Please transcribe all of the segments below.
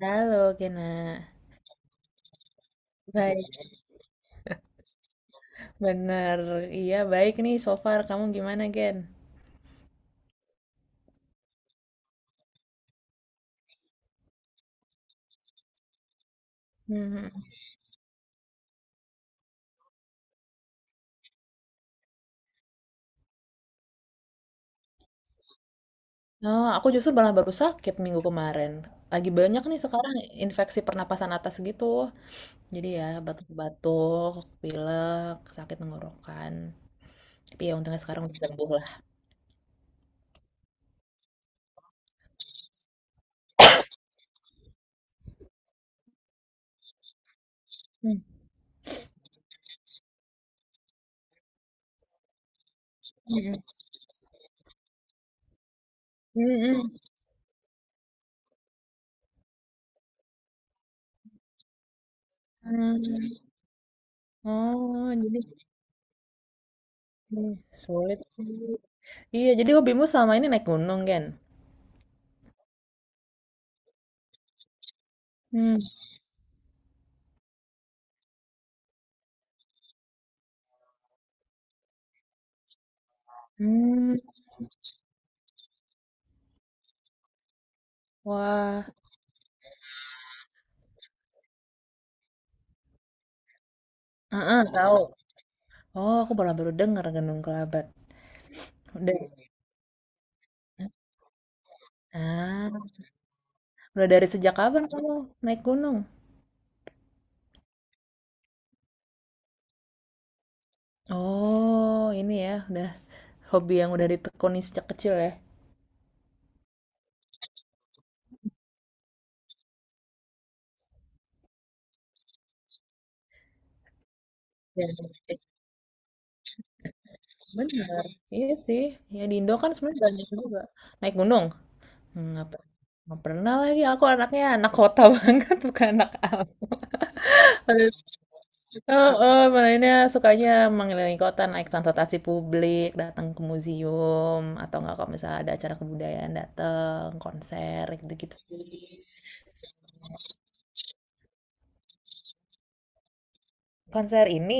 Halo, Gena. Baik, bener. Iya, baik nih so far. Kamu gimana, Gen? Hmm. Oh, aku justru malah baru sakit minggu kemarin. Lagi banyak nih sekarang infeksi pernapasan atas gitu. Jadi ya, batuk-batuk, pilek, sakit tenggorokan. Tapi ya untungnya sekarang udah sembuh lah. Hmm. Mm-mm. Mm-mm. Mm. Oh, jadi hmm, sulit sih. Iya, jadi hobimu selama ini naik gunung, Gen? Hmm. Hmm. Wah, heeh, tahu. Oh, aku malah baru dengar Gunung Kelabat. Udah, ah, udah dari sejak kapan kamu naik gunung? Oh, ini ya, udah hobi yang udah ditekuni sejak kecil ya. Ya, eh, benar. Iya sih. Ya di Indo kan sebenarnya banyak juga naik gunung. Hmm, nggak pernah lagi. Aku anaknya anak kota banget, bukan anak alam. Oh, oh, Malaysia sukanya mengelilingi kota, naik transportasi publik, datang ke museum, atau enggak kalau misalnya ada acara kebudayaan datang, konser, gitu-gitu sih. Konser ini,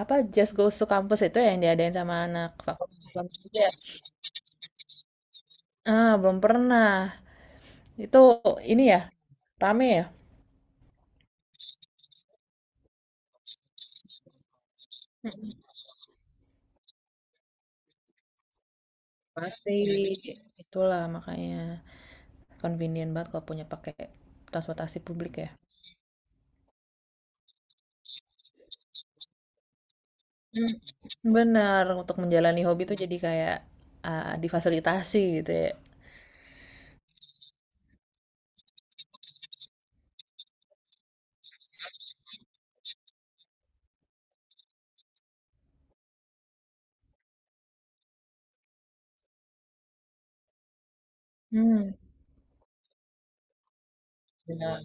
apa Just Goes to Campus itu yang diadain sama anak fakultas Islam juga? Ah, belum pernah. Itu ini ya, rame ya? Pasti. Itulah makanya convenient banget kalau pakai transportasi publik ya. Benar untuk menjalani hobi itu jadi kayak, difasilitasi gitu ya. Hmm, bener,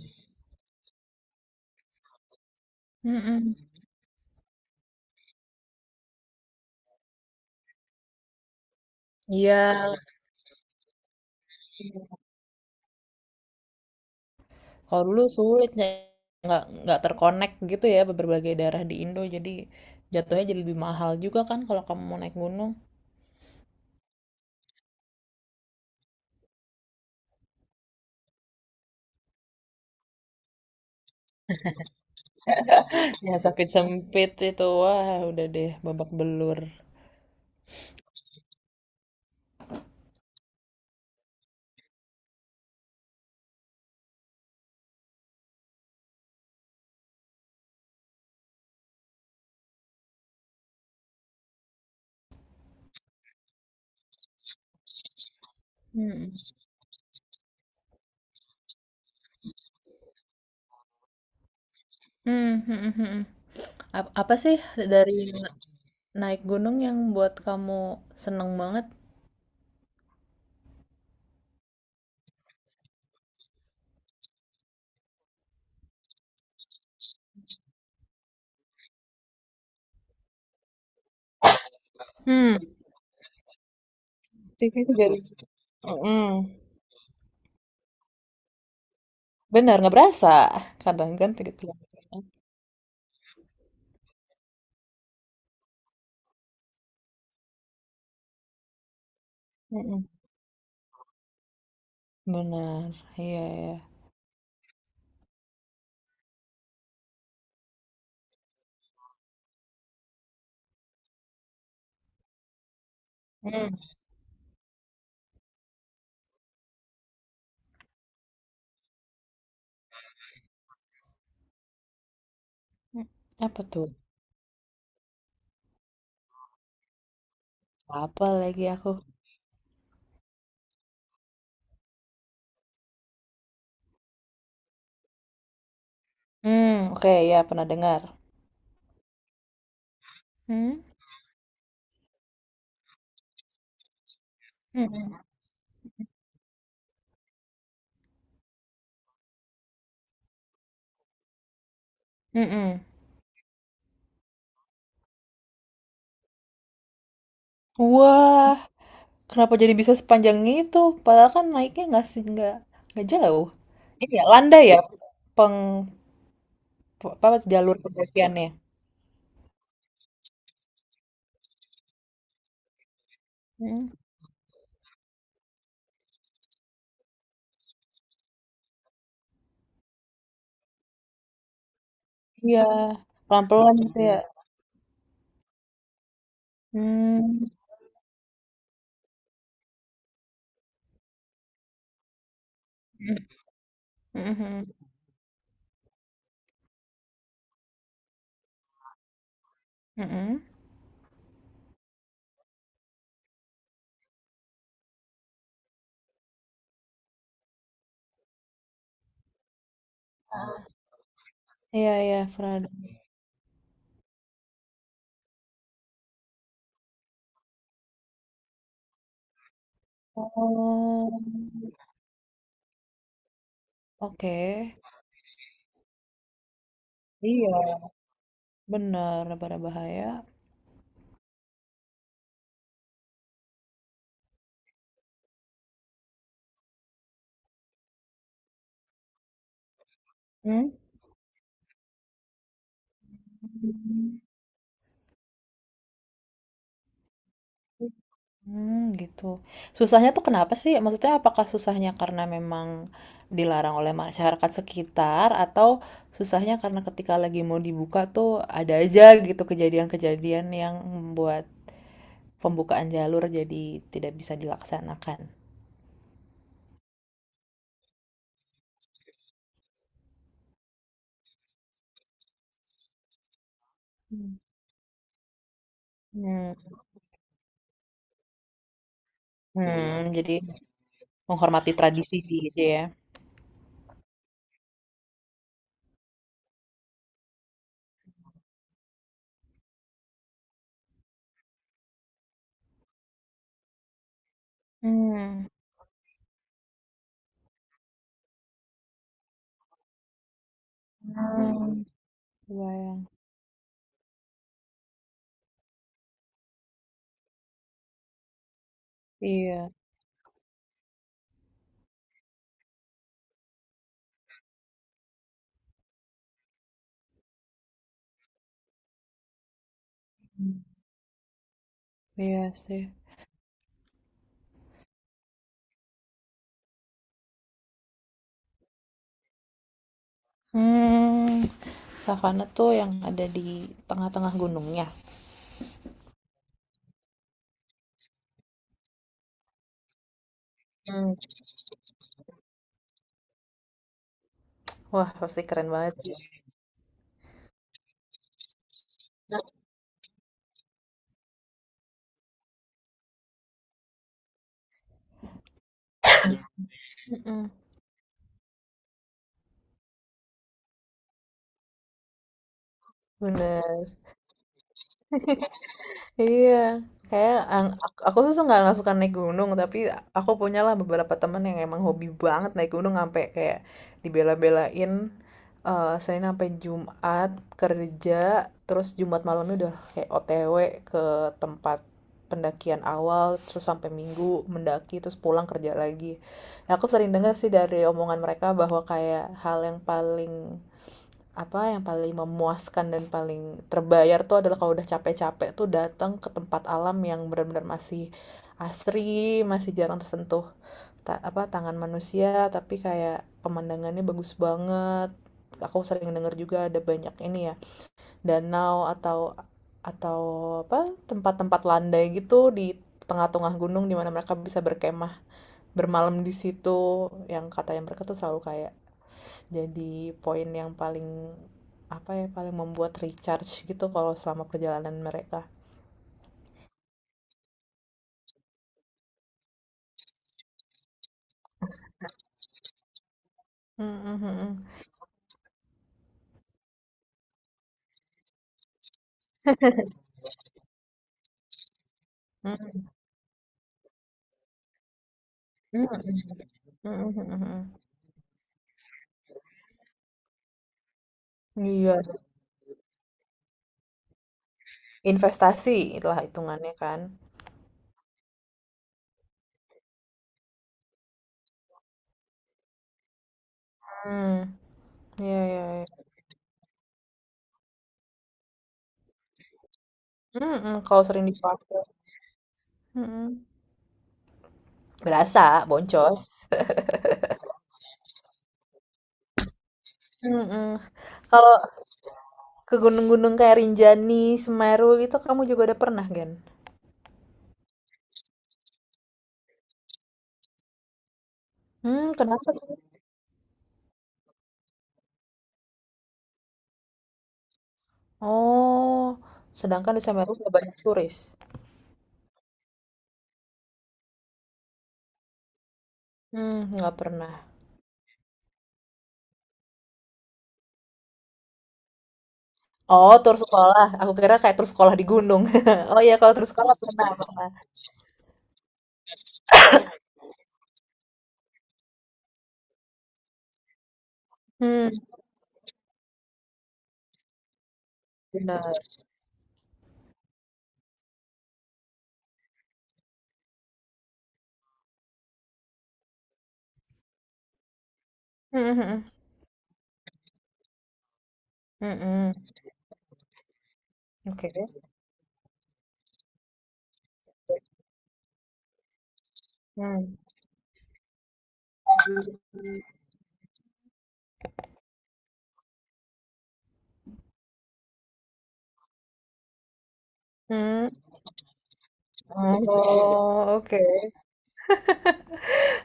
mhm, iya, kalau dulu sulitnya nggak gitu ya berbagai daerah di Indo, jadi jatuhnya jadi lebih mahal juga kan kalau kamu mau naik gunung. Ya sempit-sempit itu, wah udah deh babak belur. Mm-mm. Hmm, hmm, mhm, mhm. Apa sih dari na naik gunung yang buat kamu seneng banget? Hmm, aktivitas dari mhm. Benar nggak berasa. Kadang kan 3 kilometer. Mm-mm. Benar, iya ya. Hmm. Hmm. Apa tuh? Apa lagi aku? Hmm, oke ya pernah dengar. Hmm. Mm-mm. Mm-mm. Wah, kenapa jadi bisa sepanjang itu? Padahal kan naiknya nggak sih nggak jauh. Ini ya landai ya peng apa jalur pendakiannya. Hmm. Iya, pelan-pelan gitu ya. Hmm. Mm-mm. Mm-mm. Iya, iya, pernah. Oh, oke. Iya, bener, berbahaya. Hmm? Hmm, gitu. Susahnya tuh kenapa sih? Maksudnya apakah susahnya karena memang dilarang oleh masyarakat sekitar atau susahnya karena ketika lagi mau dibuka tuh ada aja gitu kejadian-kejadian yang membuat pembukaan jalur jadi tidak bisa dilaksanakan. Hmm. Hmm, hmm, jadi menghormati tradisi gitu ya. Hmm. Hmm, kebayang. Iya, mmm, iya sih. Mmm, savana tuh yang ada di tengah-tengah gunungnya? Mmm. Wah, pasti keren banget sih. Betul. Mhm, bener. Iya, kayak aku tuh nggak suka naik gunung, tapi aku punyalah beberapa teman yang emang hobi banget naik gunung sampai kayak dibela-belain, Senin sampai Jumat kerja, terus Jumat malamnya udah kayak OTW ke tempat pendakian awal, terus sampai Minggu mendaki, terus pulang kerja lagi. Ya, aku sering dengar sih dari omongan mereka bahwa kayak hal yang paling apa yang paling memuaskan dan paling terbayar tuh adalah kalau udah capek-capek tuh datang ke tempat alam yang benar-benar masih asri, masih jarang tersentuh apa tangan manusia, tapi kayak pemandangannya bagus banget. Aku sering dengar juga ada banyak ini ya, danau atau apa tempat-tempat landai gitu di tengah-tengah gunung di mana mereka bisa berkemah, bermalam di situ yang kata yang mereka tuh selalu kayak jadi poin yang paling apa ya paling membuat recharge gitu kalau selama perjalanan mereka. Mhm, mhm. Mhm. Mhm, mhm, mhm, mhm. Iya, investasi itulah hitungannya kan. Mmm, iya, iya, iya. Mhm, kalau sering dipakai. Mhm. Berasa boncos. Mhm. Kalau ke gunung-gunung kayak Rinjani, Semeru gitu kamu juga udah pernah, Gen? Mmm, kenapa tuh? Oh, sedangkan di Semeru nggak banyak turis. Mmm, nggak pernah. Oh, tur sekolah. Aku kira kayak tur sekolah di gunung. Oh iya, kalau tur sekolah pernah, pernah. Hmm. Benar. Mhm, mhm. Mhm. Oke. Hmm. Hmm. Oh, oke.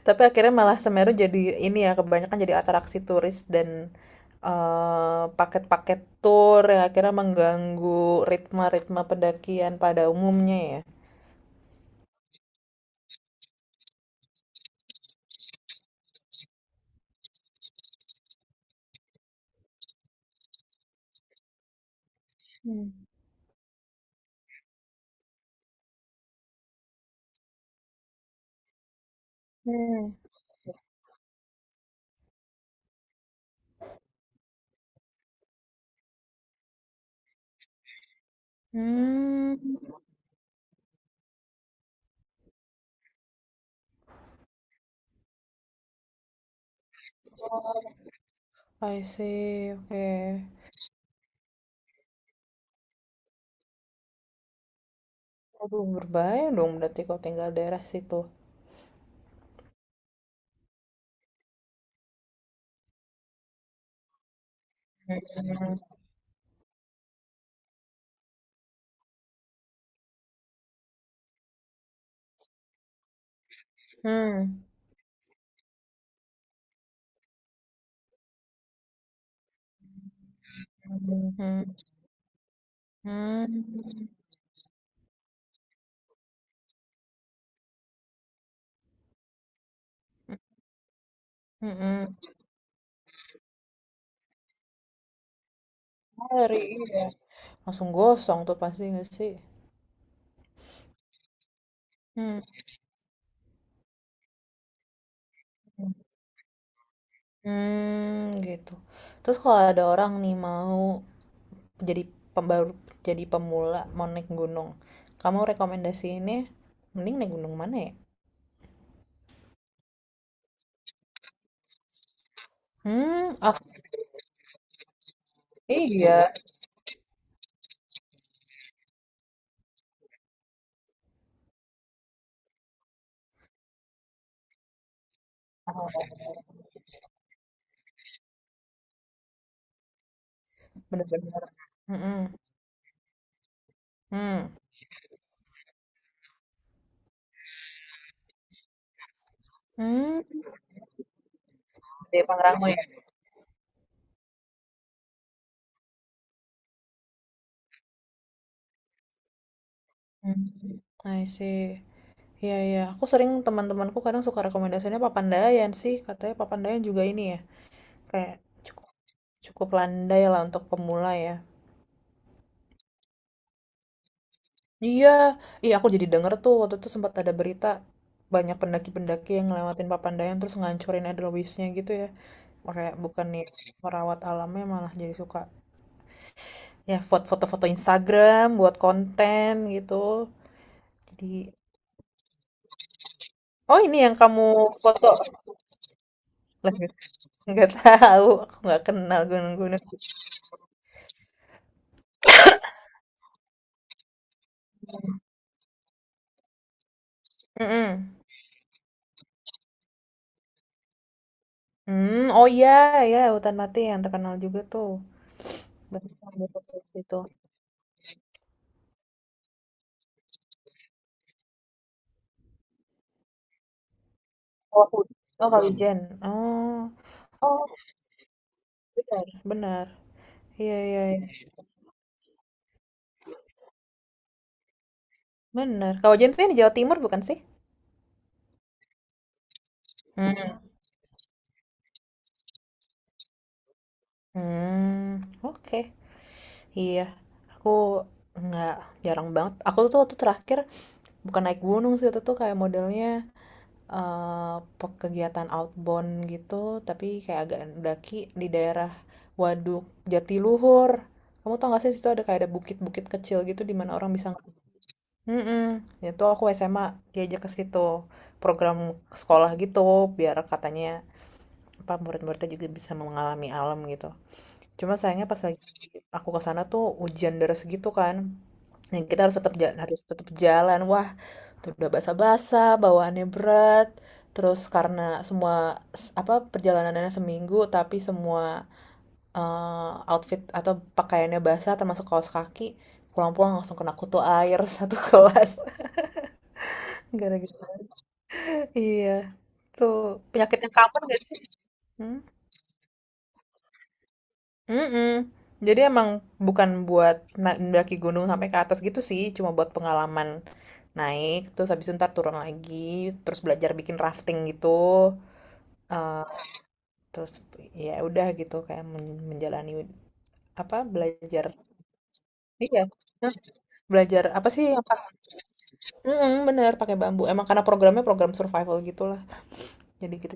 Tapi akhirnya malah Semeru jadi ini ya, kebanyakan jadi atraksi turis dan, paket-paket tur yang akhirnya mengganggu ritme-ritme pendakian pada umumnya ya. Hmm. Hmm. Hmm. I see. Oke. Aduh, berbahaya dong berarti kalau tinggal daerah situ. Mhm, hmm, mhm, hmm, mhm. Ngeri, iya. Langsung gosong tuh pasti nggak sih? Hmm, hmm, gitu. Terus kalau ada orang nih mau jadi pembaru jadi pemula mau naik gunung, kamu rekomendasi ini mending naik gunung mana ya? Hmm, ah, iya, oh, bener, bener. Mhm, mmm, mmm, di Pangrango ya? Mmm, I see. Iya, iya, aku sering teman-temanku kadang suka rekomendasinya Papandayan sih, katanya Papandayan juga ini ya, kayak cukup cukup landai lah untuk pemula ya. Iya, iya aku jadi denger tuh waktu itu sempat ada berita banyak pendaki-pendaki yang ngelewatin Papandayan terus ngancurin Edelweissnya gitu ya. Makanya bukan nih merawat alamnya malah jadi suka ya foto-foto Instagram buat konten gitu. Jadi Oh ini yang kamu foto? Lah, nggak tahu, aku nggak kenal gunung-gunung. Mm-mm. Mmm, oh iya, iya, hutan mati yang terkenal juga tuh. Banyak yang foto-foto di situ. Oh, oh Kawijen, oh. Oh, bener, bener. Iya, iya, iya, bener. Kawijen tuh yang di Jawa Timur bukan sih? Mhm, mmm, oke. Iya, aku nggak jarang banget aku tuh waktu terakhir bukan naik gunung sih, itu tuh kayak modelnya Eee, pe kegiatan outbound gitu, tapi kayak agak daki di daerah Waduk Jatiluhur. Kamu tau gak sih situ ada kayak ada bukit-bukit kecil gitu di mana orang bisa mhm, itu aku SMA diajak ke situ, program sekolah gitu biar katanya, murid-muridnya juga bisa mengalami alam gitu. Cuma sayangnya pas lagi aku ke sana tuh hujan deras gitu kan. Nah, kita harus tetap jalan, harus tetap jalan. Wah, tuh udah basah-basah, bawaannya berat. Terus karena semua apa perjalanannya seminggu, tapi semua, outfit atau pakaiannya basah, termasuk kaos kaki, pulang-pulang langsung kena kutu air satu kelas. Gara-gara gitu. Iya, tuh penyakit yang common gak sih? Hmm? Mm-mm. Jadi emang bukan buat mendaki gunung sampai ke atas gitu sih, cuma buat pengalaman naik, terus habis itu ntar turun lagi, terus belajar bikin rafting gitu. Eh, Terus ya udah gitu kayak menjalani apa belajar. Iya. Hah, belajar apa sih yang pak- Mm-mm, bener pakai bambu. Emang karena program survival gitulah. Jadi kita.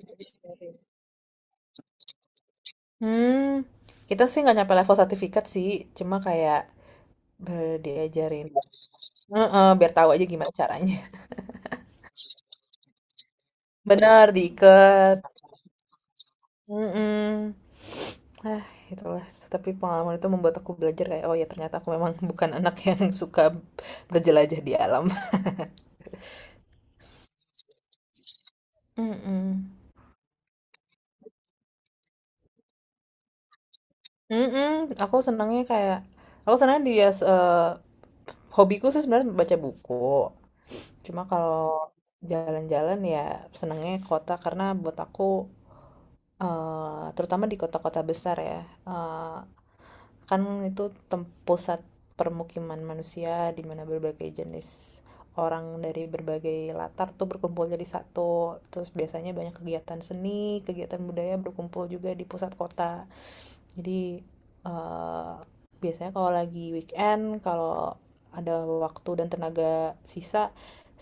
Hmm, kita sih nggak nyampe level sertifikat sih, cuma kayak, diajarin. Heeh, biar tahu aja gimana caranya. Benar diikat. Mhm. Ah, itulah, tapi pengalaman itu membuat aku belajar kayak, "Oh ya ternyata aku memang bukan anak yang suka berjelajah di alam." Mhm. Mhm, aku senangnya kayak aku senang di hobiku sih sebenarnya baca buku. Cuma kalau jalan-jalan ya senangnya kota karena buat aku, terutama di kota-kota besar ya, eh, kan itu pusat permukiman manusia di mana berbagai jenis orang dari berbagai latar tuh berkumpul jadi satu. Terus biasanya banyak kegiatan seni, kegiatan budaya berkumpul juga di pusat kota. Jadi, eh, biasanya kalau lagi weekend, kalau ada waktu dan tenaga sisa,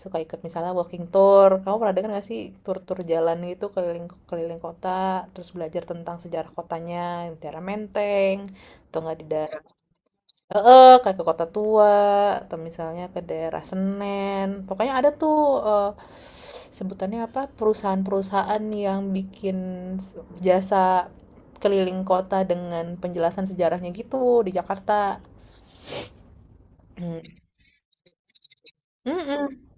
suka ikut misalnya walking tour. Kamu pernah dengar nggak sih tur-tur jalan gitu keliling keliling kota, terus belajar tentang sejarah kotanya, di daerah Menteng, atau nggak di daerah. Heeh, kayak ke Kota Tua atau misalnya ke daerah Senen. Pokoknya ada tuh, eee, sebutannya apa? Perusahaan-perusahaan yang bikin s jasa keliling kota dengan penjelasan sejarahnya gitu di Jakarta. Mhm.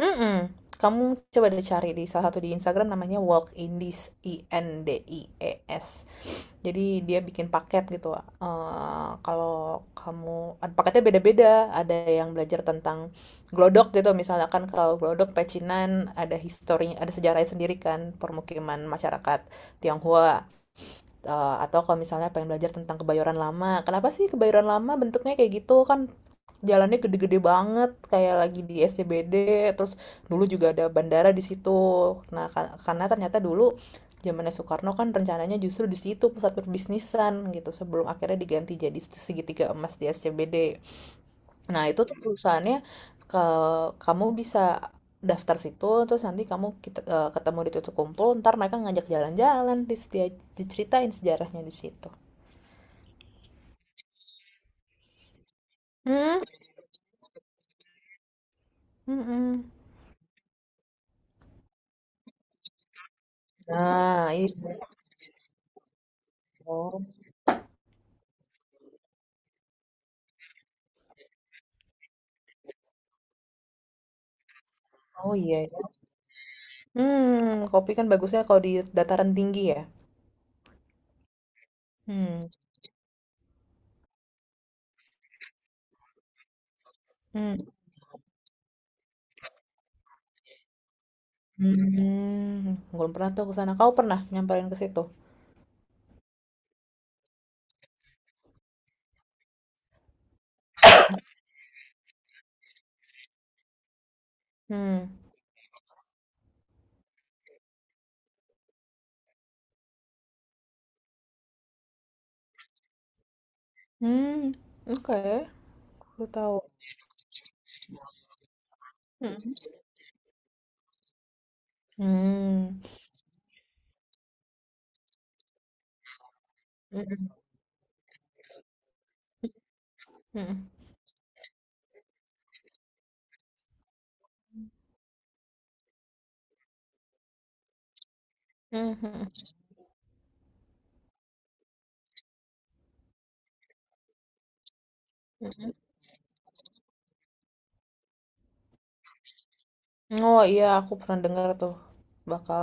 Mm-mm. Kamu coba deh cari di salah satu di Instagram namanya Walk Indies I N D I E S. Jadi dia bikin paket gitu. Kalau kamu ada paketnya beda-beda, ada yang belajar tentang glodok gitu. Misalkan kalau glodok pecinan ada historinya, ada sejarahnya sendiri kan permukiman masyarakat Tionghoa. Atau kalau misalnya pengen belajar tentang kebayoran lama, kenapa sih kebayoran lama bentuknya kayak gitu kan jalannya gede-gede banget kayak lagi di SCBD, terus dulu juga ada bandara di situ. Nah, karena ternyata dulu zamannya Soekarno kan rencananya justru di situ pusat perbisnisan gitu sebelum akhirnya diganti jadi segitiga emas di SCBD. Nah, itu tuh perusahaannya ke kamu bisa daftar situ terus nanti kita, ketemu di titik kumpul, ntar mereka ngajak jalan-jalan, dia diceritain sejarahnya di situ. Hmm, mm-mm. Nah, itu. Oh, oh iya, iya. Hmm, kopi kan bagusnya kalau di dataran tinggi ya. Hmm. Hmm. Hmm. Belum pernah tuh ke sana. Kau pernah nyamperin ke situ? Hmm. Hmm. Oke, aku tahu. Hmm. Hmm. Hmm. Hmm. Hmm. Mhm. Oh iya, aku pernah dengar tuh. Bakal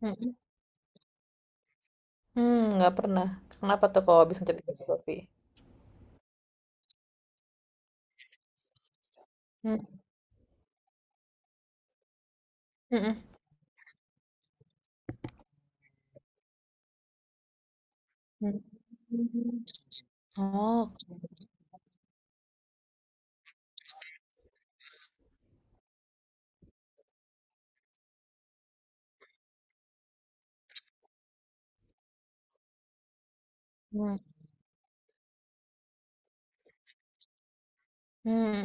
mhm. Hmm, nggak pernah. Kenapa tuh kalau habis ngecat kopi? Hmm. Mhm. Hmm. Oh. Hmm. Hmm.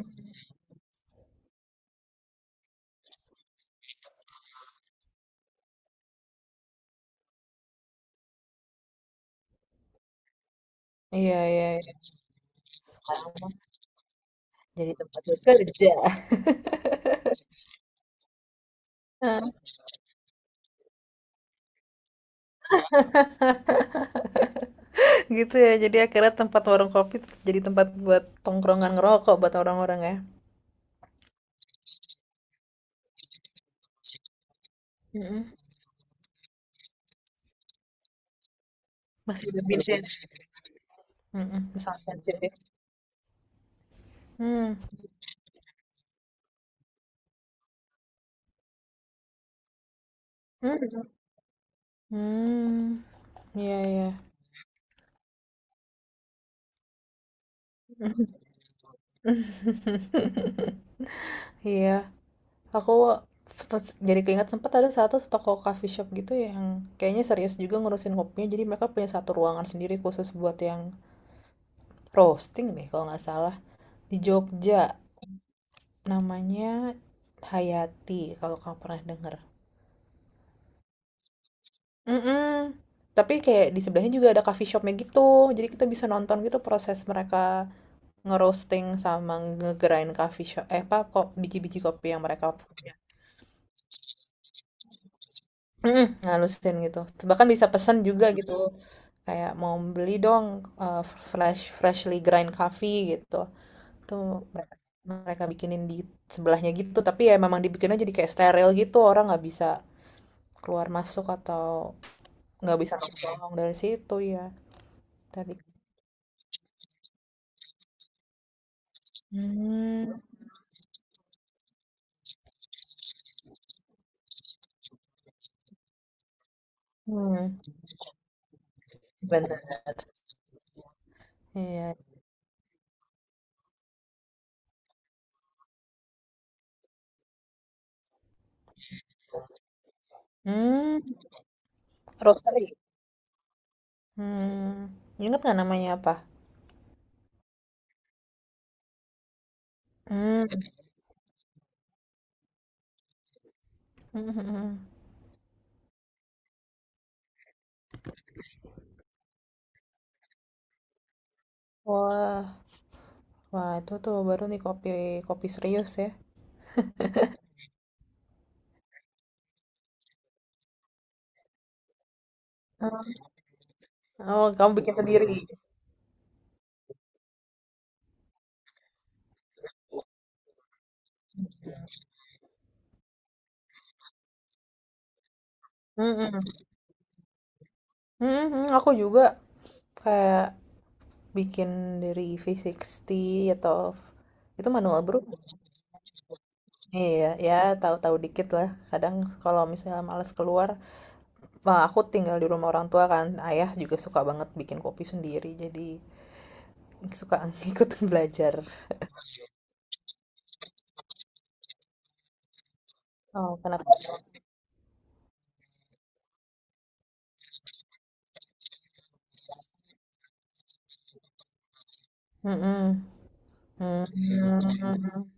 Iya, iya, iya. Jadi tempat buat kerja. Gitu ya. Jadi akhirnya tempat warung kopi tetap jadi tempat buat tongkrongan ngerokok buat orang-orang ya. Mhm. Masih ada bins ya. Mhm. Sangat sensitif. Hmm. Hmm. Hmm. Iya, iya. Iya. Aku jadi keinget sempat ada satu toko coffee shop gitu yang kayaknya serius juga ngurusin kopinya. Jadi mereka punya satu ruangan sendiri khusus buat yang roasting deh kalau nggak salah. Di Jogja namanya Hayati kalau kamu pernah denger. Mm. Tapi kayak di sebelahnya juga ada coffee shopnya gitu. Jadi kita bisa nonton gitu proses mereka ngerosting sama nge-grind coffee shop eh apa kok biji-biji kopi yang mereka. Mhm, ngalusin gitu. Bahkan bisa pesan juga gitu. Kayak mau beli dong, eh, freshly grind coffee gitu. Tuh mereka mereka bikinin di sebelahnya gitu. Tapi ya memang dibikinnya jadi kayak steril gitu. Orang nggak bisa keluar masuk atau nggak bisa nongkrong dari situ ya. Tadi. Hmm, hmm, benar. Iya. Hmm, roastery. Hmm, ingat nggak namanya apa? Hmm. Wah, wah, itu tuh baru nih kopi kopi serius ya. Oh, kamu bikin sendiri. Mm-mm. Mm-mm, aku juga kayak bikin dari V60 atau itu manual brew. Iya, ya tahu-tahu dikit lah. Kadang kalau misalnya males keluar, wah aku tinggal di rumah orang tua kan. Ayah juga suka banget bikin kopi sendiri, jadi suka ikut belajar. Oh, kenapa? Mm-mm. Mm-mm.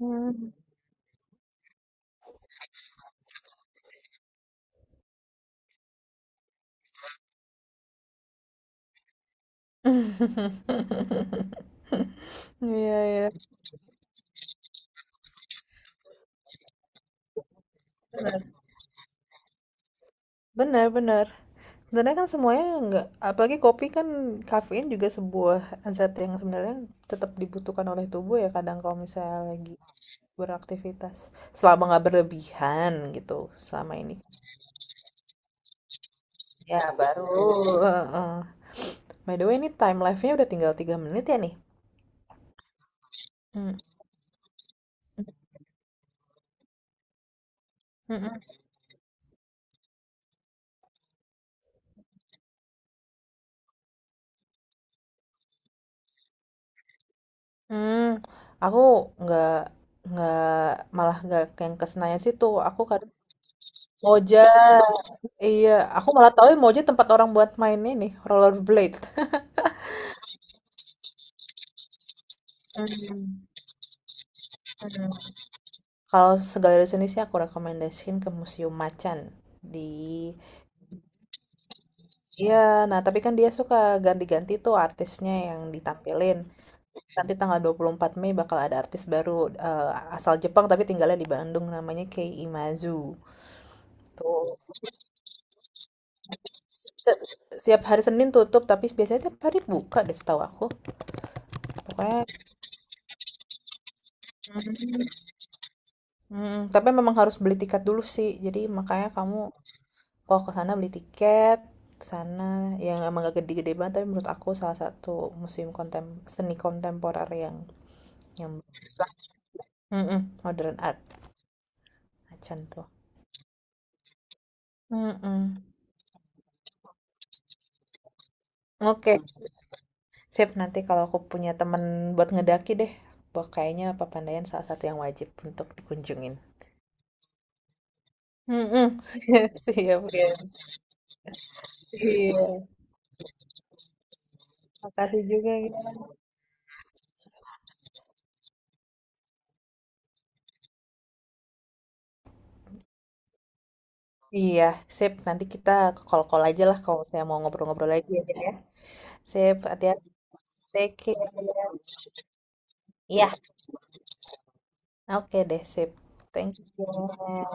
Mm-mm. Iya, iya. Benar, benar, benar. Sebenarnya kan semuanya nggak, apalagi kopi kan kafein juga sebuah zat yang sebenarnya tetap dibutuhkan oleh tubuh ya kadang kalau misalnya lagi beraktivitas. Selama nggak berlebihan gitu, selama ini. Ya, baru. Heeh. By the way, ini time live-nya udah tinggal 3 menit ya nih. Hmm. Mm-mm. Hmm. Aku nggak nggak malah nggak yang ke Senayan situ. Aku Moja. Iya, aku malah tahu Moja tempat orang buat main ini, rollerblade. Hmm. Hmm. Kalau segala di sini sih aku rekomendasiin ke Museum Macan di. Iya, nah tapi kan dia suka ganti-ganti tuh artisnya yang ditampilin. Nanti tanggal 24 Mei bakal ada artis baru, eh, asal Jepang tapi tinggalnya di Bandung namanya Kei Imazu. Tuh si- se- setiap hari Senin tutup tapi biasanya tiap hari buka deh setahu aku. Pokoknya mhm, tapi memang harus beli tiket dulu sih. Jadi makanya kamu kalau ke sana beli tiket, ke sana yang emang gak gede-gede banget tapi menurut aku salah satu museum seni kontemporer yang bagus lah. Mhm, modern art Macan tuh. Mhm. Oke, sip nanti kalau aku punya temen buat ngedaki deh. Wah, kayaknya Papandayan salah satu yang wajib untuk dikunjungin. Mhm. Siap, ya. Iya. Makasih juga ya. Iya, sip. Nanti kita call-call aja lah kalau saya mau ngobrol-ngobrol lagi ya, Din, ya. Sip, hati-hati. Take care. Iya, oke deh, sip. Thank you.